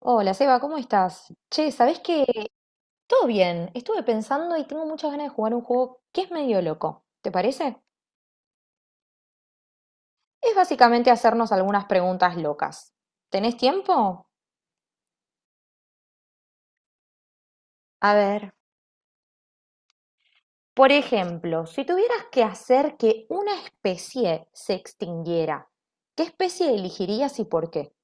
Hola, Seba, ¿cómo estás? Che, ¿sabés qué? Todo bien. Estuve pensando y tengo muchas ganas de jugar un juego que es medio loco. ¿Te parece? Es básicamente hacernos algunas preguntas locas. ¿Tenés tiempo? A ver, por ejemplo, si tuvieras que hacer que una especie se extinguiera, ¿qué especie elegirías y por qué?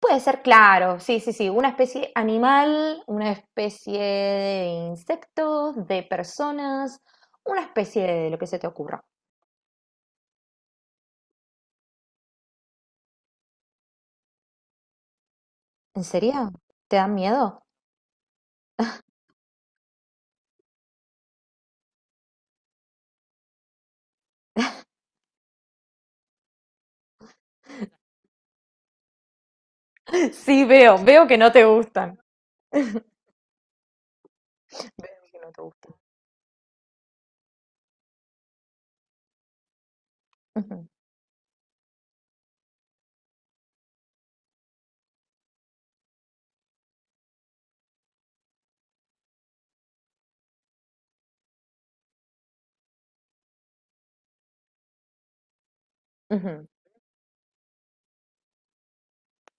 Puede ser, claro, sí, sí, sí, una especie animal, una especie de insectos, de personas, una especie de lo que se te ocurra. ¿En serio? ¿Te dan miedo? Sí, veo, veo que no te gustan. Veo que no te gustan. Ujú, ujú.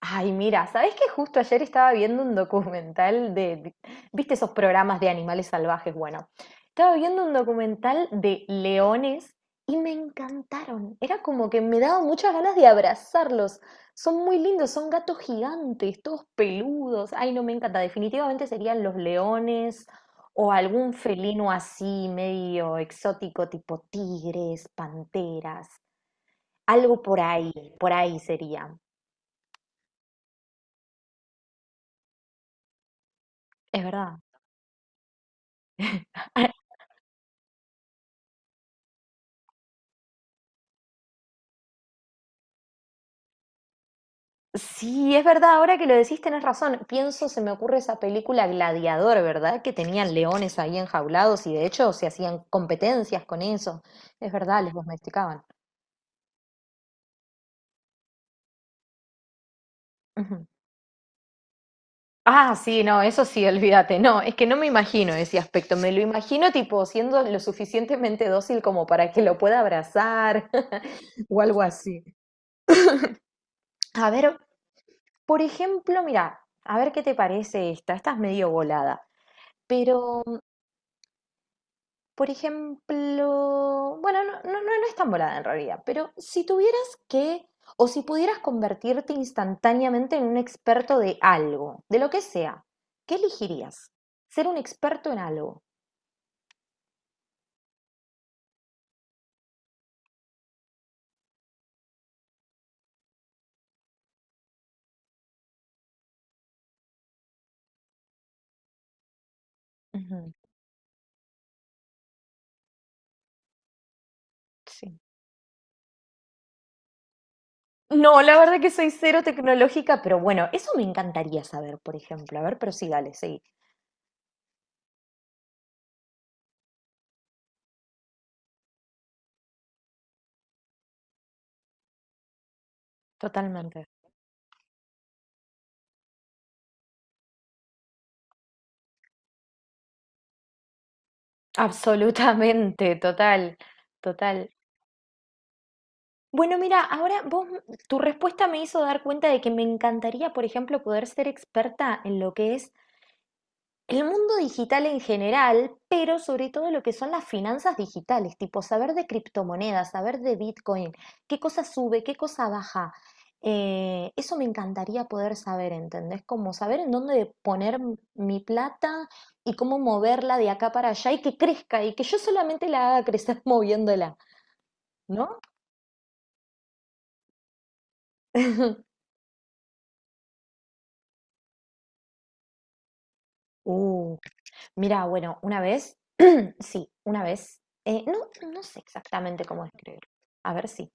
Ay, mira, ¿sabés que justo ayer estaba viendo un documental de, viste esos programas de animales salvajes? Bueno, estaba viendo un documental de leones y me encantaron. Era como que me daba muchas ganas de abrazarlos. Son muy lindos, son gatos gigantes, todos peludos. Ay, no, me encanta. Definitivamente serían los leones o algún felino así, medio exótico, tipo tigres, panteras, algo por ahí sería. Es verdad. Sí, es verdad, ahora que lo decís tenés razón. Pienso, se me ocurre esa película Gladiador, ¿verdad? Que tenían leones ahí enjaulados y de hecho se hacían competencias con eso. Es verdad, les domesticaban. Ujú. Ah, sí, no, eso sí, olvídate. No, es que no me imagino ese aspecto. Me lo imagino tipo siendo lo suficientemente dócil como para que lo pueda abrazar o algo así. A ver, por ejemplo, mira, a ver qué te parece esta. Esta es medio volada, pero por ejemplo, bueno, no, no, no, no es tan volada en realidad, pero si tuvieras que, o si pudieras convertirte instantáneamente en un experto de algo, de lo que sea, ¿qué elegirías? Ser un experto en algo. Ujú, sí. No, la verdad que soy cero tecnológica, pero bueno, eso me encantaría saber, por ejemplo. A ver, pero sí, dale, sí. Totalmente. Absolutamente, total, total. Bueno, mira, ahora vos, tu respuesta me hizo dar cuenta de que me encantaría, por ejemplo, poder ser experta en lo que es el mundo digital en general, pero sobre todo lo que son las finanzas digitales, tipo saber de criptomonedas, saber de Bitcoin, qué cosa sube, qué cosa baja. Eso me encantaría poder saber, ¿entendés? Como saber en dónde poner mi plata y cómo moverla de acá para allá y que crezca y que yo solamente la haga crecer moviéndola, ¿no? Uh. Mira, bueno, una vez, sí, una vez. No, no sé exactamente cómo escribir. A ver si.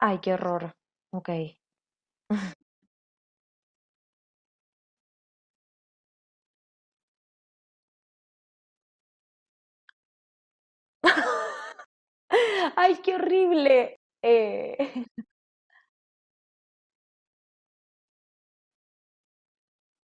Ay, qué horror. Ok. Ay, qué horrible.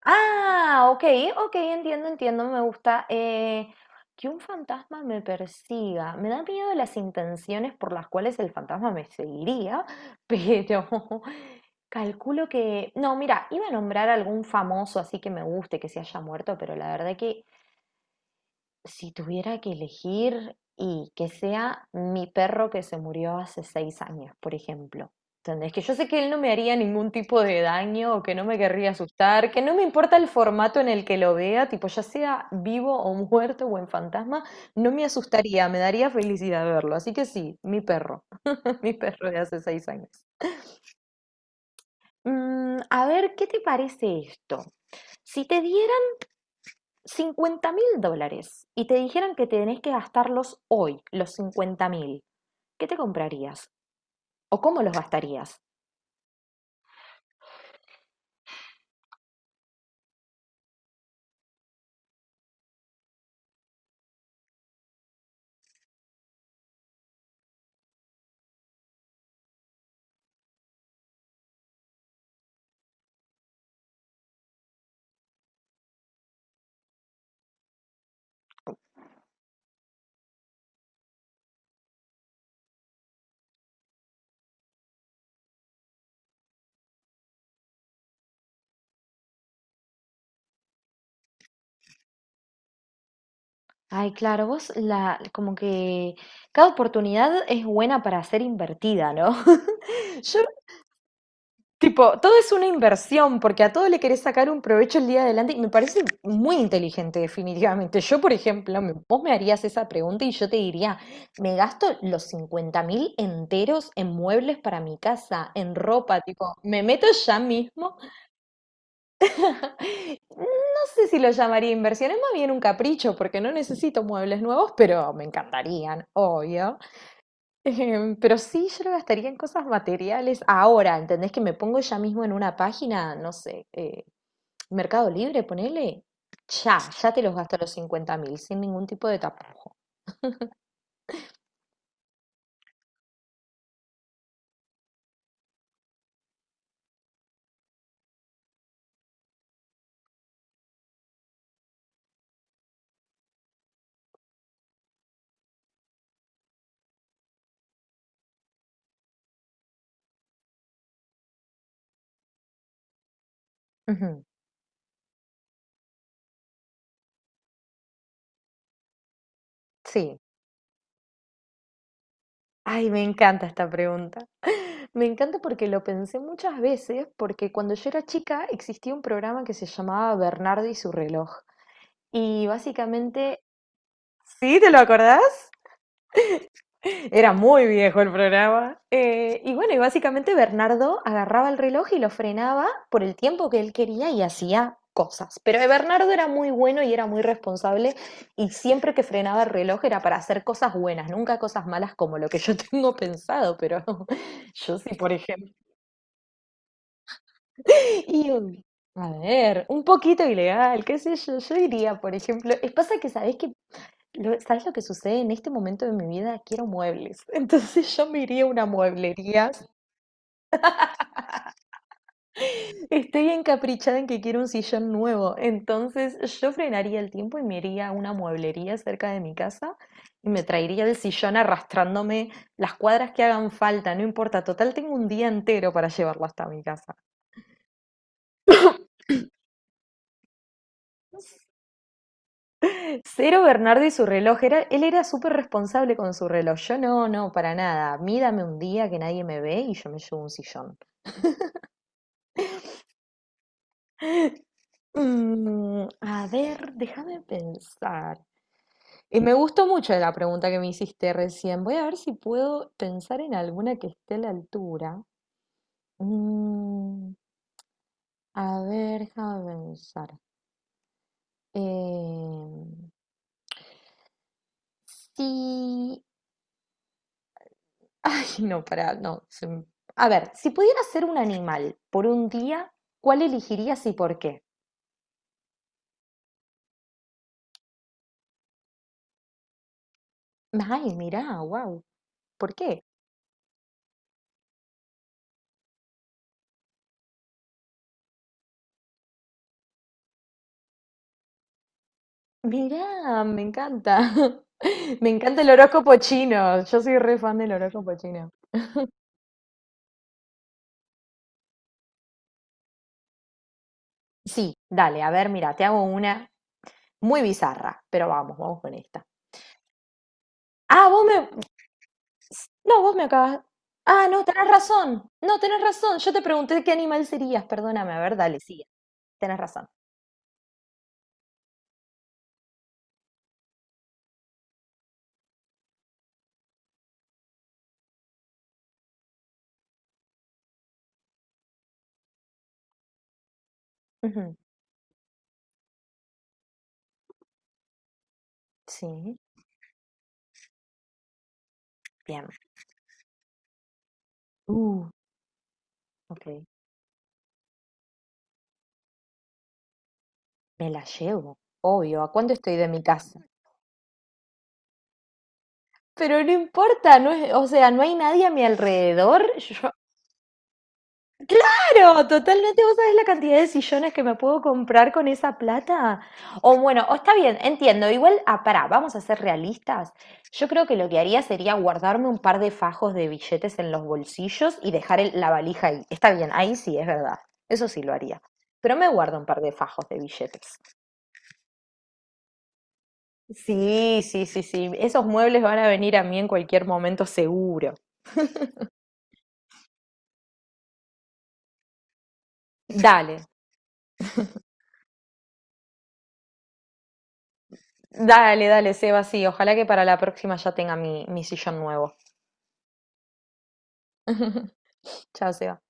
Ah, ok, ok, entiendo, entiendo, me gusta. Que un fantasma me persiga. Me da miedo las intenciones por las cuales el fantasma me seguiría, pero calculo que... No, mira, iba a nombrar algún famoso así que me guste, que se haya muerto, pero la verdad que si tuviera que elegir y que sea mi perro que se murió hace 6 años, por ejemplo. ¿Entendés? Que yo sé que él no me haría ningún tipo de daño o que no me querría asustar, que no me importa el formato en el que lo vea, tipo ya sea vivo o muerto o en fantasma, no me asustaría, me daría felicidad verlo. Así que sí, mi perro, mi perro de hace 6 años. Mm, a ver, ¿qué te parece esto? Si te diera 50.000 dólares y te dijeran que tenés que gastarlos hoy, los 50.000, ¿qué te comprarías? ¿O cómo los gastarías? Ay, claro, vos la, como que cada oportunidad es buena para ser invertida, ¿no? Yo Tipo, todo es una inversión, porque a todo le querés sacar un provecho el día de adelante y me parece muy inteligente, definitivamente. Yo, por ejemplo, vos me harías esa pregunta y yo te diría, me gasto los 50.000 enteros en muebles para mi casa, en ropa, tipo, me meto ya mismo. No sé si lo llamaría inversión, es más bien un capricho, porque no necesito muebles nuevos, pero me encantarían, obvio. Pero sí, yo lo gastaría en cosas materiales ahora, ¿entendés? Que me pongo ya mismo en una página, no sé, Mercado Libre, ponele. Ya, ya te los gasto los 50.000, sin ningún tipo de tapujo. Ujú, sí. Ay, me encanta esta pregunta. Me encanta porque lo pensé muchas veces, porque cuando yo era chica existía un programa que se llamaba Bernardo y su reloj. Y básicamente... ¿Sí? ¿Te lo acordás? Era muy viejo el programa. Y bueno, y básicamente Bernardo agarraba el reloj y lo frenaba por el tiempo que él quería y hacía cosas. Pero Bernardo era muy bueno y era muy responsable y siempre que frenaba el reloj era para hacer cosas buenas, nunca cosas malas como lo que yo tengo pensado, pero yo sí, por ejemplo. Y un- a ver, un poquito ilegal, qué sé yo, yo diría, por ejemplo, es pasa que sabés que ¿Sabes lo que sucede? En este momento de mi vida quiero muebles. Entonces yo me iría a una mueblería. Estoy encaprichada en que quiero un sillón nuevo. Entonces yo frenaría el tiempo y me iría a una mueblería cerca de mi casa y me traería el sillón arrastrándome las cuadras que hagan falta. No importa, total tengo un día entero para llevarlo hasta mi casa. Cero Bernardo y su reloj. Era, él era súper responsable con su reloj. Yo no, no, para nada. A un día que nadie me ve y yo me llevo un sillón. Mm, a ver, déjame pensar. Y me gustó mucho la pregunta que me hiciste recién. Voy a ver si puedo pensar en alguna que esté a la altura. Mm, a ver, déjame pensar. Em, sí. Ay, no, pará, no. A ver, si pudiera ser un animal por un día, ¿cuál elegirías y por qué? Ay, mirá, wow. ¿Por qué? Mirá, me encanta. Me encanta el horóscopo chino. Yo soy re fan del horóscopo chino. Sí, dale, a ver, mira, te hago una muy bizarra, pero vamos, vamos con esta. Ah, vos me... No, vos me acabas... Ah, no, tenés razón. No, tenés razón. Yo te pregunté qué animal serías, perdóname. A ver, dale, sigue. Tenés razón. Ujú, sí, bien. Uh, ok. Me la llevo. Obvio, ¿a cuánto estoy de mi casa? Pero no importa, no es, o sea, no hay nadie a mi alrededor. Yo, claro, totalmente, vos sabés la cantidad de sillones que me puedo comprar con esa plata. O bueno, o está bien, entiendo. Igual, ah, pará, vamos a ser realistas. Yo creo que lo que haría sería guardarme un par de fajos de billetes en los bolsillos y dejar la valija ahí. Está bien, ahí sí, es verdad. Eso sí lo haría. Pero me guardo un par de fajos de billetes. Sí, sí, sí, sí. Esos muebles van a venir a mí en cualquier momento seguro. Dale, Dale, dale, Seba, sí. Ojalá que para la próxima ya tenga mi sillón nuevo. Chao, Seba.